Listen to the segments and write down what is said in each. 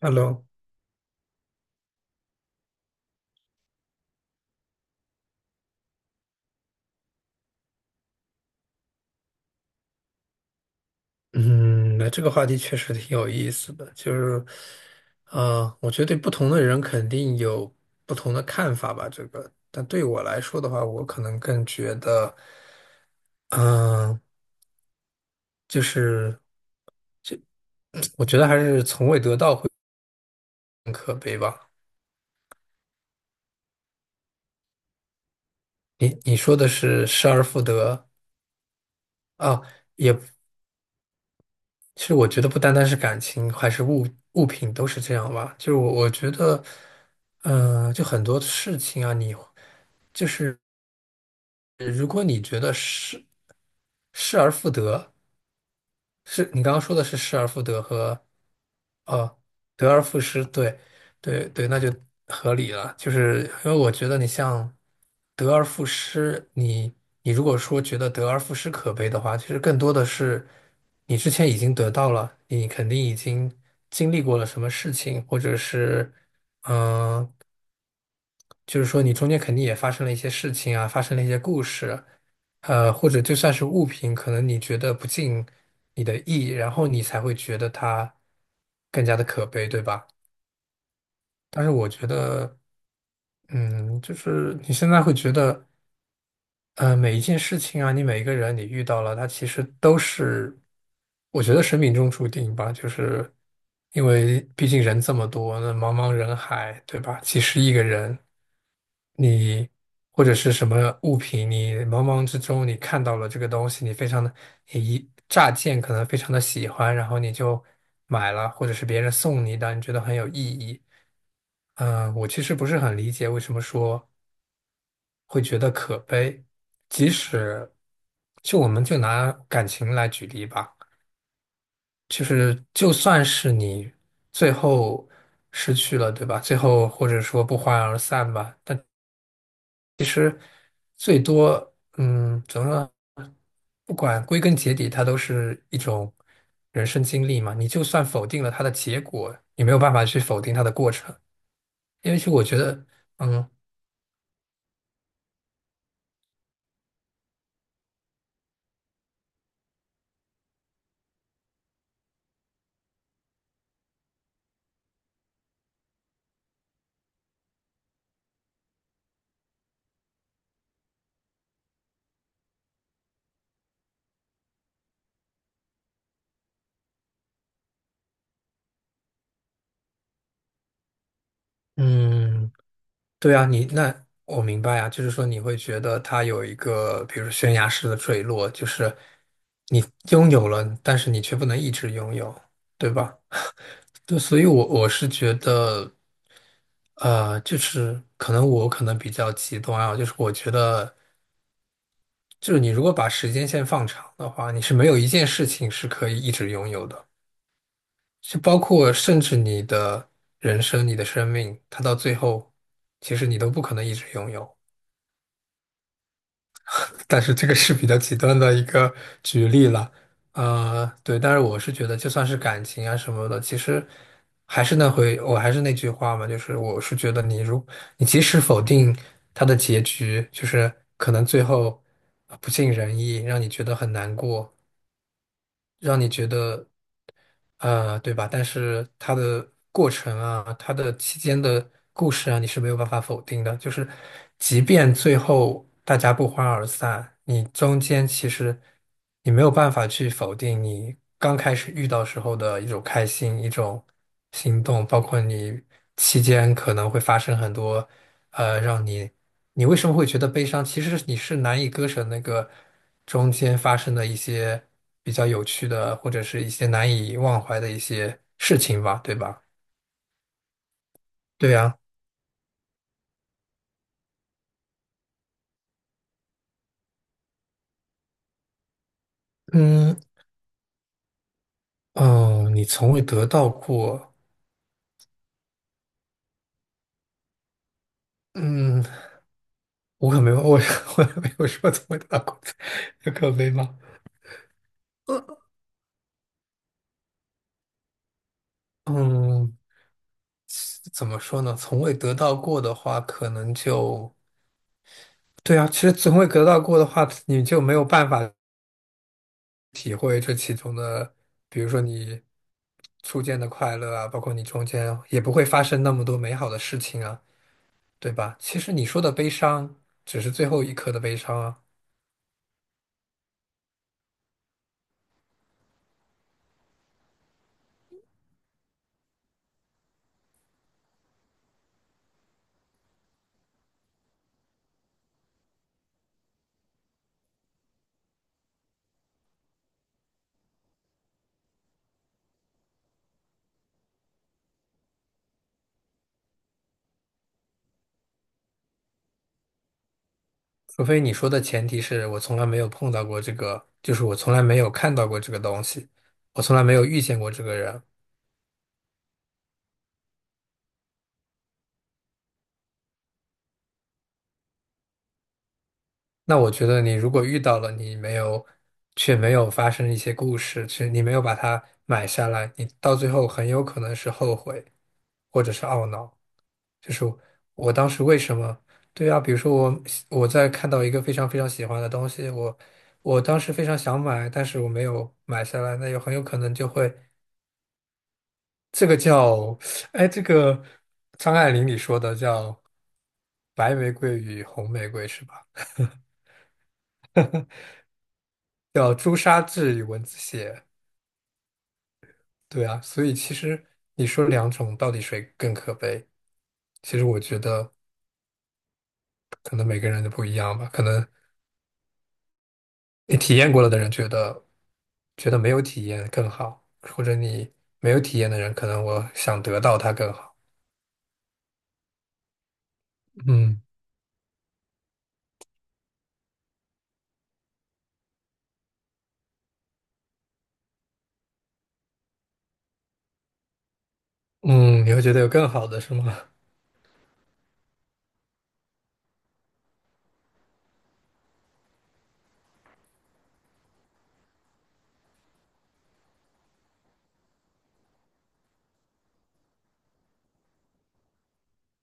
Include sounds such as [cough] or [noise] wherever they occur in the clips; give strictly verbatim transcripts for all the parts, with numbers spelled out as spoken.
Hello，嗯，那这个话题确实挺有意思的，就是，呃，我觉得对不同的人肯定有不同的看法吧。这个，但对我来说的话，我可能更觉得，嗯、就是 [tsk] 我觉得还是从未得到会更可悲吧。你你说的是失而复得啊，也其实我觉得不单单是感情，还是物物品都是这样吧。就是我我觉得，嗯、就很多事情啊，你就是。如果你觉得失失而复得，是你刚刚说的是失而复得和呃得而复失，对对对，那就合理了。就是因为我觉得你像得而复失，你你如果说觉得得而复失可悲的话，其实更多的是你之前已经得到了，你肯定已经经历过了什么事情，或者是嗯。呃就是说你中间肯定也发生了一些事情啊，发生了一些故事，呃，或者就算是物品，可能你觉得不尽你的意，然后你才会觉得它更加的可悲，对吧？但是我觉得，嗯，就是你现在会觉得。呃，每一件事情啊，你每一个人你遇到了，他其实都是，我觉得是命中注定吧。就是因为毕竟人这么多，那茫茫人海，对吧？几十亿个人，你或者是什么物品，你茫茫之中你看到了这个东西，你非常的，你一乍见可能非常的喜欢，然后你就买了，或者是别人送你的，你觉得很有意义。嗯，呃我其实不是很理解为什么说，会觉得可悲。即使就我们就拿感情来举例吧，就是就算是你最后失去了，对吧？最后或者说不欢而散吧，但其实最多，嗯，怎么说？不管归根结底，它都是一种人生经历嘛。你就算否定了它的结果，你没有办法去否定它的过程，因为其实我觉得，嗯。嗯，对啊，你那我明白啊，就是说你会觉得它有一个，比如说悬崖式的坠落，就是你拥有了，但是你却不能一直拥有，对吧？对，所以我我是觉得，呃，就是可能我可能比较极端啊，就是我觉得，就是你如果把时间线放长的话，你是没有一件事情是可以一直拥有的，就包括甚至你的人生、你的生命，它到最后，其实你都不可能一直拥有。但是这个是比较极端的一个举例了，呃，对，但是我是觉得，就算是感情啊什么的，其实还是那回，我还是那句话嘛，就是我是觉得你如你即使否定他的结局，就是可能最后呃不尽人意，让你觉得很难过，让你觉得呃，对吧？但是它的过程啊，它的期间的故事啊，你是没有办法否定的。就是，即便最后大家不欢而散，你中间其实你没有办法去否定你刚开始遇到时候的一种开心、一种心动，包括你期间可能会发生很多呃让你你为什么会觉得悲伤？其实你是难以割舍那个中间发生的一些比较有趣的，或者是一些难以忘怀的一些事情吧，对吧？对呀，嗯，哦，你从未得到过，嗯，我可没有，我 [laughs] 我也没有说从未得到过，有可悲吗？嗯，怎么说呢？从未得到过的话，可能就对啊。其实从未得到过的话，你就没有办法。体会这其中的，比如说你初见的快乐啊，包括你中间也不会发生那么多美好的事情啊，对吧？其实你说的悲伤只是最后一刻的悲伤啊，除非你说的前提是我从来没有碰到过这个，就是我从来没有看到过这个东西，我从来没有遇见过这个人。那我觉得你如果遇到了，你没有，却没有发生一些故事，其实你没有把它买下来，你到最后很有可能是后悔，或者是懊恼。就是我当时为什么？对啊，比如说我我在看到一个非常非常喜欢的东西，我我当时非常想买，但是我没有买下来，那有很有可能就会这个叫，哎，这个张爱玲里说的叫白玫瑰与红玫瑰是吧？叫朱砂痣与蚊子血。对啊，所以其实你说两种到底谁更可悲？其实我觉得可能每个人都不一样吧，可能。你体验过了的人觉得觉得没有体验更好，或者你没有体验的人，可能我想得到它更好。嗯嗯，你会觉得有更好的是吗？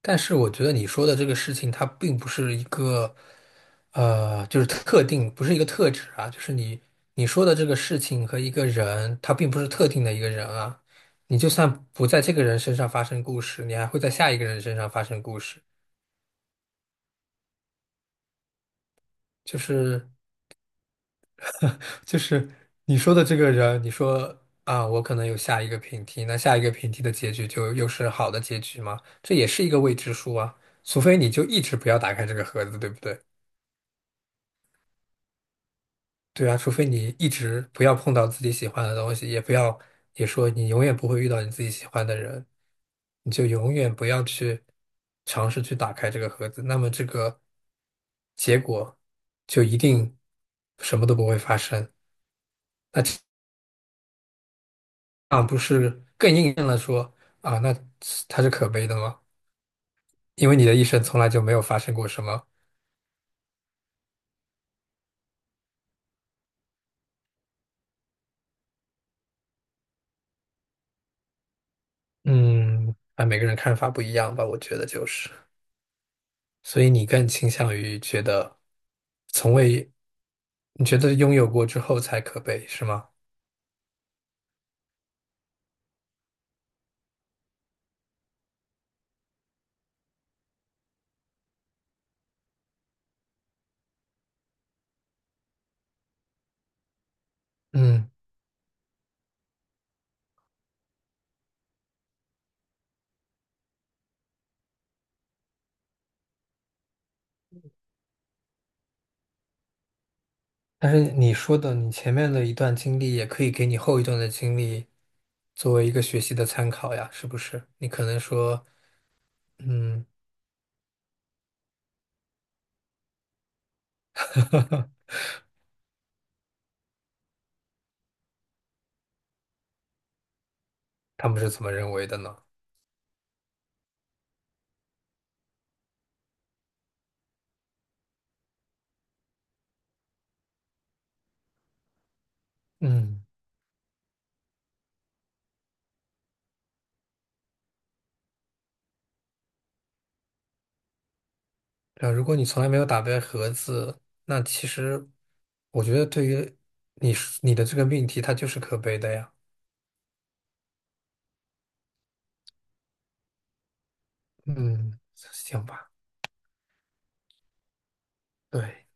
但是我觉得你说的这个事情，它并不是一个呃，就是特定，不是一个特质啊，就是你你说的这个事情和一个人，他并不是特定的一个人啊。你就算不在这个人身上发生故事，你还会在下一个人身上发生故事。就是就是你说的这个人，你说啊，我可能有下一个平替，那下一个平替的结局就又是好的结局吗？这也是一个未知数啊，除非你就一直不要打开这个盒子，对不对？对啊，除非你一直不要碰到自己喜欢的东西，也不要，也说你永远不会遇到你自己喜欢的人，你就永远不要去尝试去打开这个盒子，那么这个结果就一定什么都不会发生。啊，不是更印证了说啊，那是它是可悲的吗？因为你的一生从来就没有发生过什么，嗯，啊，每个人看法不一样吧，我觉得就是，所以你更倾向于觉得从未，你觉得拥有过之后才可悲，是吗？嗯，但是你说的，你前面的一段经历也可以给你后一段的经历作为一个学习的参考呀，是不是？你可能说，嗯，他们是怎么认为的呢？嗯。对啊，如果你从来没有打败盒子，那其实我觉得对于你是你的这个命题，它就是可悲的呀。嗯，行吧，对，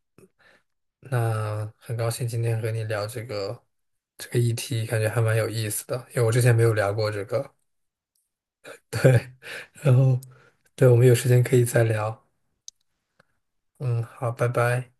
那很高兴今天和你聊这个这个议题，感觉还蛮有意思的，因为我之前没有聊过这个。[laughs] 对，然后对，我们有时间可以再聊。嗯，好，拜拜。